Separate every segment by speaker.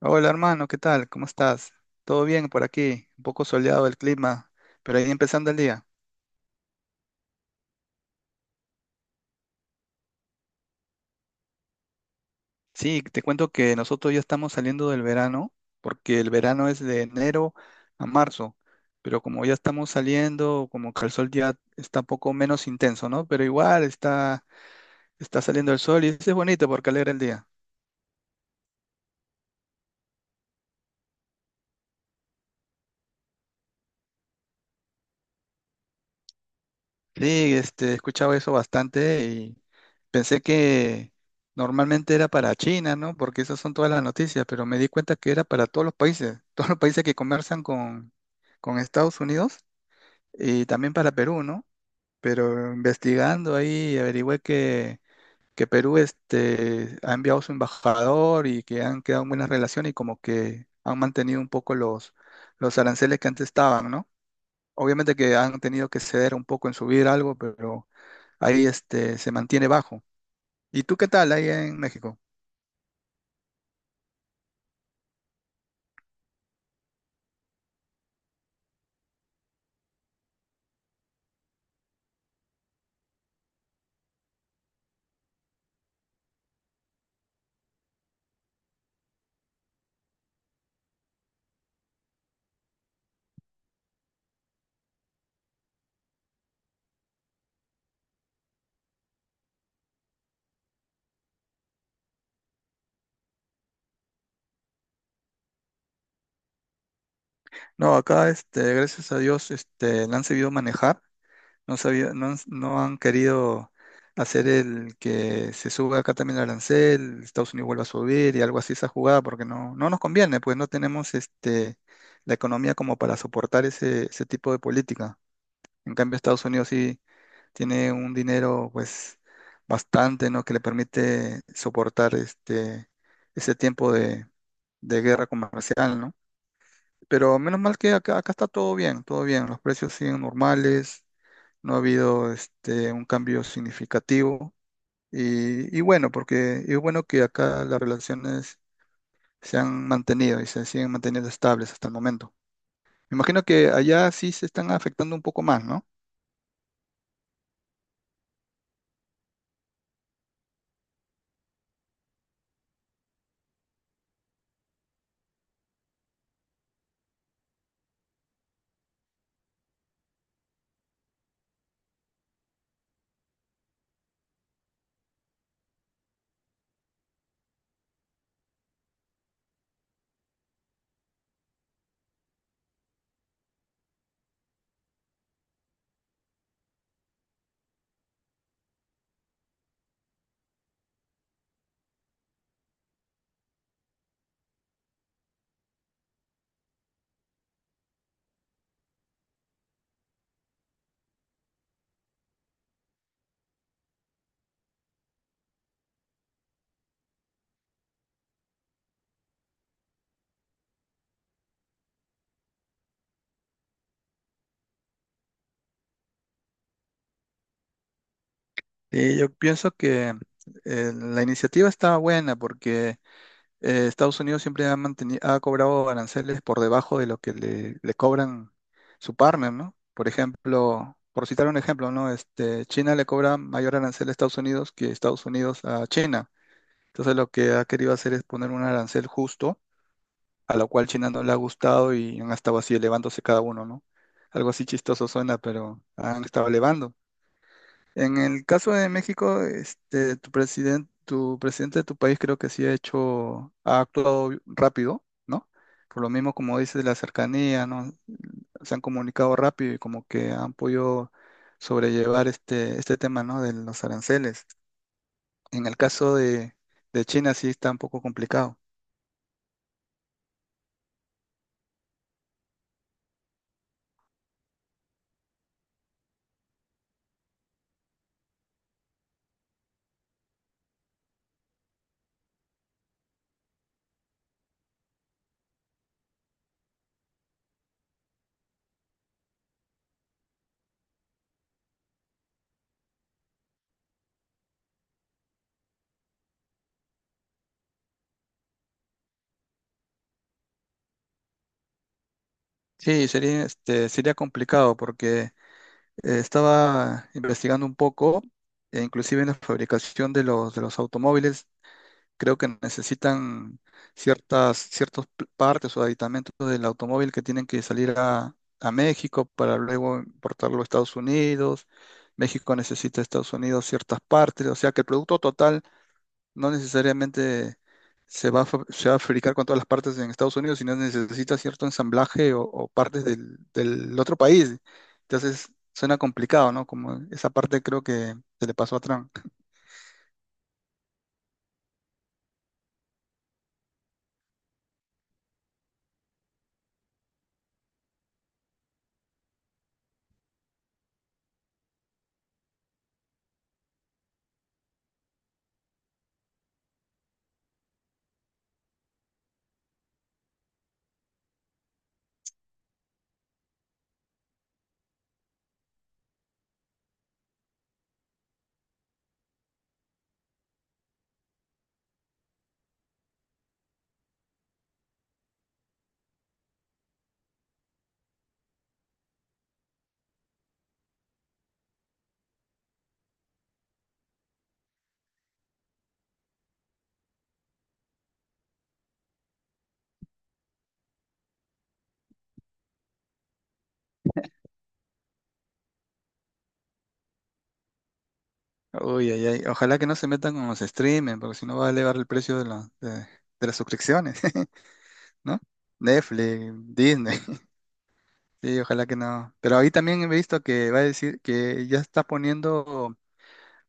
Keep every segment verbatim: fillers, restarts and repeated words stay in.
Speaker 1: Hola hermano, ¿qué tal? ¿Cómo estás? ¿Todo bien por aquí? Un poco soleado el clima, pero ahí empezando el día. Sí, te cuento que nosotros ya estamos saliendo del verano, porque el verano es de enero a marzo, pero como ya estamos saliendo, como que el sol ya está un poco menos intenso, ¿no? Pero igual está, está saliendo el sol y eso es bonito porque alegra el día. Sí, este, he escuchado eso bastante y pensé que normalmente era para China, ¿no? Porque esas son todas las noticias, pero me di cuenta que era para todos los países, todos los países que conversan con, con Estados Unidos y también para Perú, ¿no? Pero investigando ahí averigüé que, que Perú este, ha enviado su embajador y que han quedado en buenas relaciones y como que han mantenido un poco los, los aranceles que antes estaban, ¿no? Obviamente que han tenido que ceder un poco en subir algo, pero ahí este, se mantiene bajo. ¿Y tú qué tal ahí en México? No, acá, este, gracias a Dios, este, la han sabido manejar, no, sabía- no, han, no han querido hacer el que se suba acá también el arancel, Estados Unidos vuelva a subir y algo así esa jugada, porque no, no nos conviene, pues no tenemos este, la economía como para soportar ese, ese tipo de política. En cambio, Estados Unidos sí tiene un dinero pues bastante, ¿no? Que le permite soportar este, ese tiempo de, de guerra comercial, ¿no? Pero menos mal que acá, acá está todo bien, todo bien, los precios siguen normales, no ha habido este, un cambio significativo y, y bueno, porque es bueno que acá las relaciones se han mantenido y se siguen manteniendo estables hasta el momento. Me imagino que allá sí se están afectando un poco más, ¿no? Sí, yo pienso que eh, la iniciativa está buena porque eh, Estados Unidos siempre ha mantenido, ha cobrado aranceles por debajo de lo que le, le cobran su partner, ¿no? Por ejemplo, por citar un ejemplo, ¿no? Este, China le cobra mayor arancel a Estados Unidos que Estados Unidos a China. Entonces lo que ha querido hacer es poner un arancel justo, a lo cual China no le ha gustado y han estado así elevándose cada uno, ¿no? Algo así chistoso suena, pero han estado elevando. En el caso de México, este, tu presidente, tu presidente de tu país creo que sí ha hecho, ha actuado rápido, ¿no? Por lo mismo, como dices, la cercanía, ¿no? Se han comunicado rápido y como que han podido sobrellevar este, este tema, ¿no? De los aranceles. En el caso de, de China sí está un poco complicado. Sí, sería, este, sería complicado porque eh, estaba investigando un poco, e inclusive en la fabricación de los, de los automóviles creo que necesitan ciertas, ciertas p- partes o aditamentos del automóvil que tienen que salir a, a México para luego importarlo a Estados Unidos. México necesita a Estados Unidos ciertas partes, o sea que el producto total no necesariamente se va a, fa- se va a fabricar con todas las partes en Estados Unidos, sino necesita cierto ensamblaje o, o partes del, del otro país. Entonces suena complicado, ¿no? Como esa parte creo que se le pasó a Trump. Uy, ay, ay. Ojalá que no se metan con los streamers, porque si no va a elevar el precio de, la- de, de las suscripciones, ¿no? Netflix, Disney. Sí, ojalá que no. Pero ahí también he visto que va a decir que ya está poniendo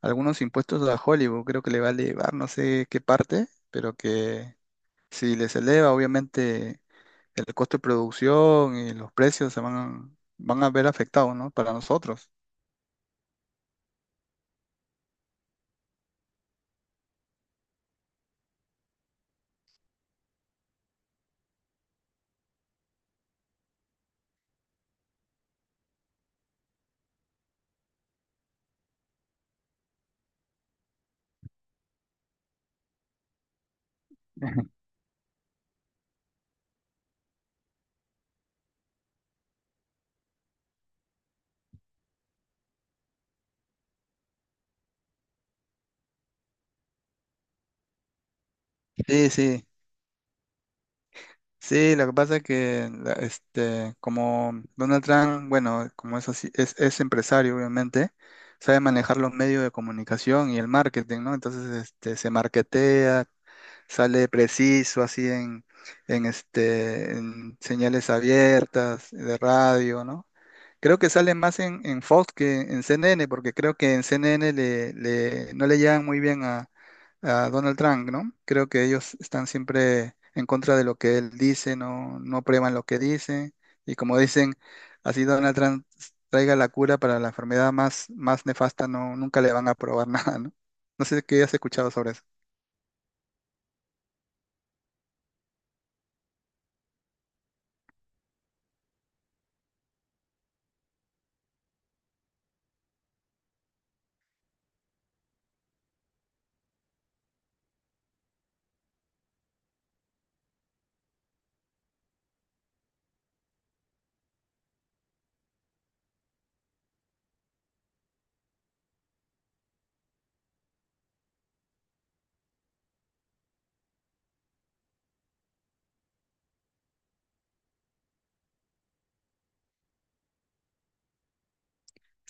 Speaker 1: algunos impuestos a Hollywood. Creo que le va a elevar, no sé qué parte, pero que si les eleva, obviamente el costo de producción y los precios se van a, van a ver afectados, ¿no? Para nosotros. Sí, sí. Sí, lo que pasa es que la- este, como Donald Trump, bueno, como es así, es, es empresario, obviamente, sabe manejar los medios de comunicación y el marketing, ¿no? Entonces, este, se marketea, sale preciso así en, en este, en señales abiertas, de radio, ¿no? Creo que sale más en, en Fox que en C N N, porque creo que en C N N le, le- no le llegan muy bien a, a Donald Trump, ¿no? Creo que ellos están siempre en contra de lo que él dice, no, no prueban lo que dice. Y como dicen, así Donald Trump traiga la cura para la enfermedad más, más nefasta, no, nunca le van a probar nada, ¿no? No sé qué has escuchado sobre eso.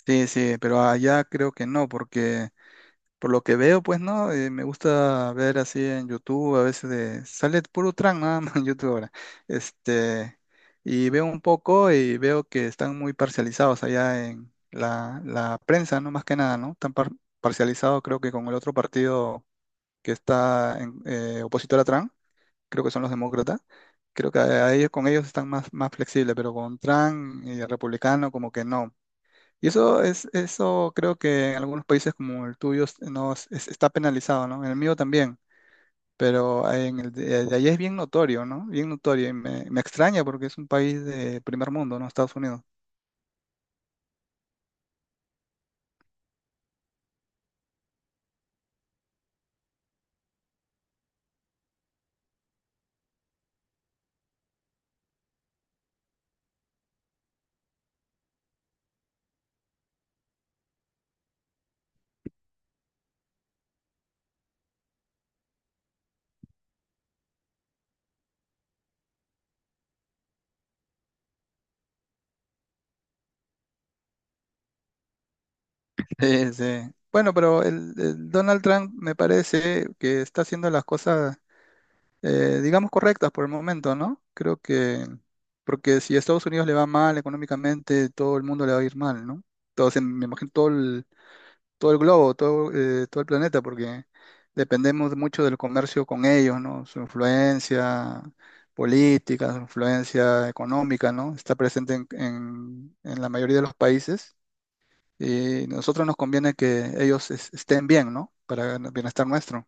Speaker 1: Sí, sí, pero allá creo que no, porque por lo que veo, pues no. Eh, me gusta ver así en YouTube, a veces de, sale puro tran nada más en YouTube ahora. Este, y veo un poco y veo que están muy parcializados allá en la, la prensa, ¿no? Más que nada, ¿no? Tan par- parcializado creo que con el otro partido que está en, eh, opositor a Trump, creo que son los demócratas. Creo que a a ellos, con ellos están más, más flexibles, pero con Trump y el republicano como que no. Y eso es, eso creo que en algunos países como el tuyo es- no, es- es- está penalizado, ¿no? En el mío también, pero en el de, de allá es bien notorio, ¿no? Bien notorio y me, me extraña porque es un país de primer mundo, ¿no? Estados Unidos. Sí, sí. Bueno, pero el, el Donald Trump me parece que está haciendo las cosas, eh, digamos, correctas por el momento, ¿no? Creo que, porque si a Estados Unidos le va mal económicamente, todo el mundo le va a ir mal, ¿no? Entonces, me imagino todo todo el globo, todo, eh, todo el planeta, porque dependemos mucho del comercio con ellos, ¿no? Su influencia política, su influencia económica, ¿no? Está presente en, en- en la mayoría de los países y nosotros nos conviene que ellos es- estén bien, ¿no? Para el bienestar nuestro.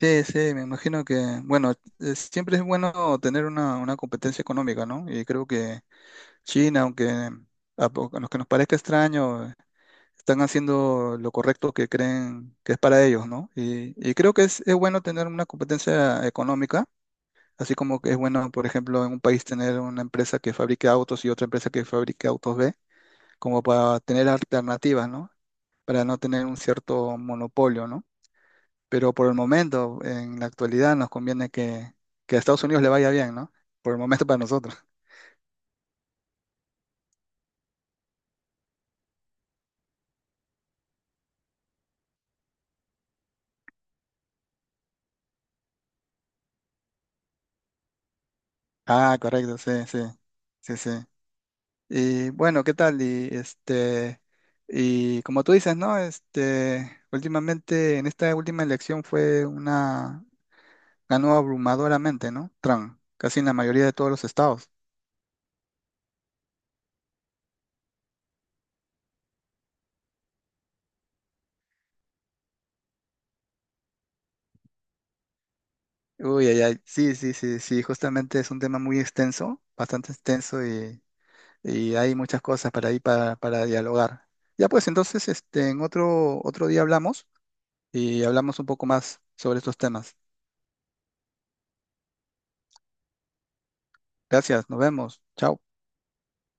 Speaker 1: Sí, sí, me imagino que, bueno, es- siempre es bueno tener una, una competencia económica, ¿no? Y creo que China, aunque a, po- a lo que nos parezca extraño, están haciendo lo correcto que creen que es para ellos, ¿no? Y, y creo que es, es bueno tener una competencia económica, así como que es bueno, por ejemplo, en un país tener una empresa que fabrique autos y otra empresa que fabrique autos B, como para tener alternativas, ¿no? Para no tener un cierto monopolio, ¿no? Pero por el momento, en la actualidad, nos conviene que, que a Estados Unidos le vaya bien, ¿no? Por el momento para nosotros. Ah, correcto, sí, sí, sí, sí. Y bueno, ¿qué tal? Y este, y como tú dices, ¿no? Este, últimamente, en esta última elección fue una, ganó abrumadoramente, ¿no? Trump, casi en la mayoría de todos los estados. Uy, ay, ay, sí, sí, sí, sí, justamente es un tema muy extenso, bastante extenso y, y hay muchas cosas para ahí para, para dialogar. Ya pues, entonces, este, en otro, otro día hablamos y hablamos un poco más sobre estos temas. Gracias, nos vemos. Chao.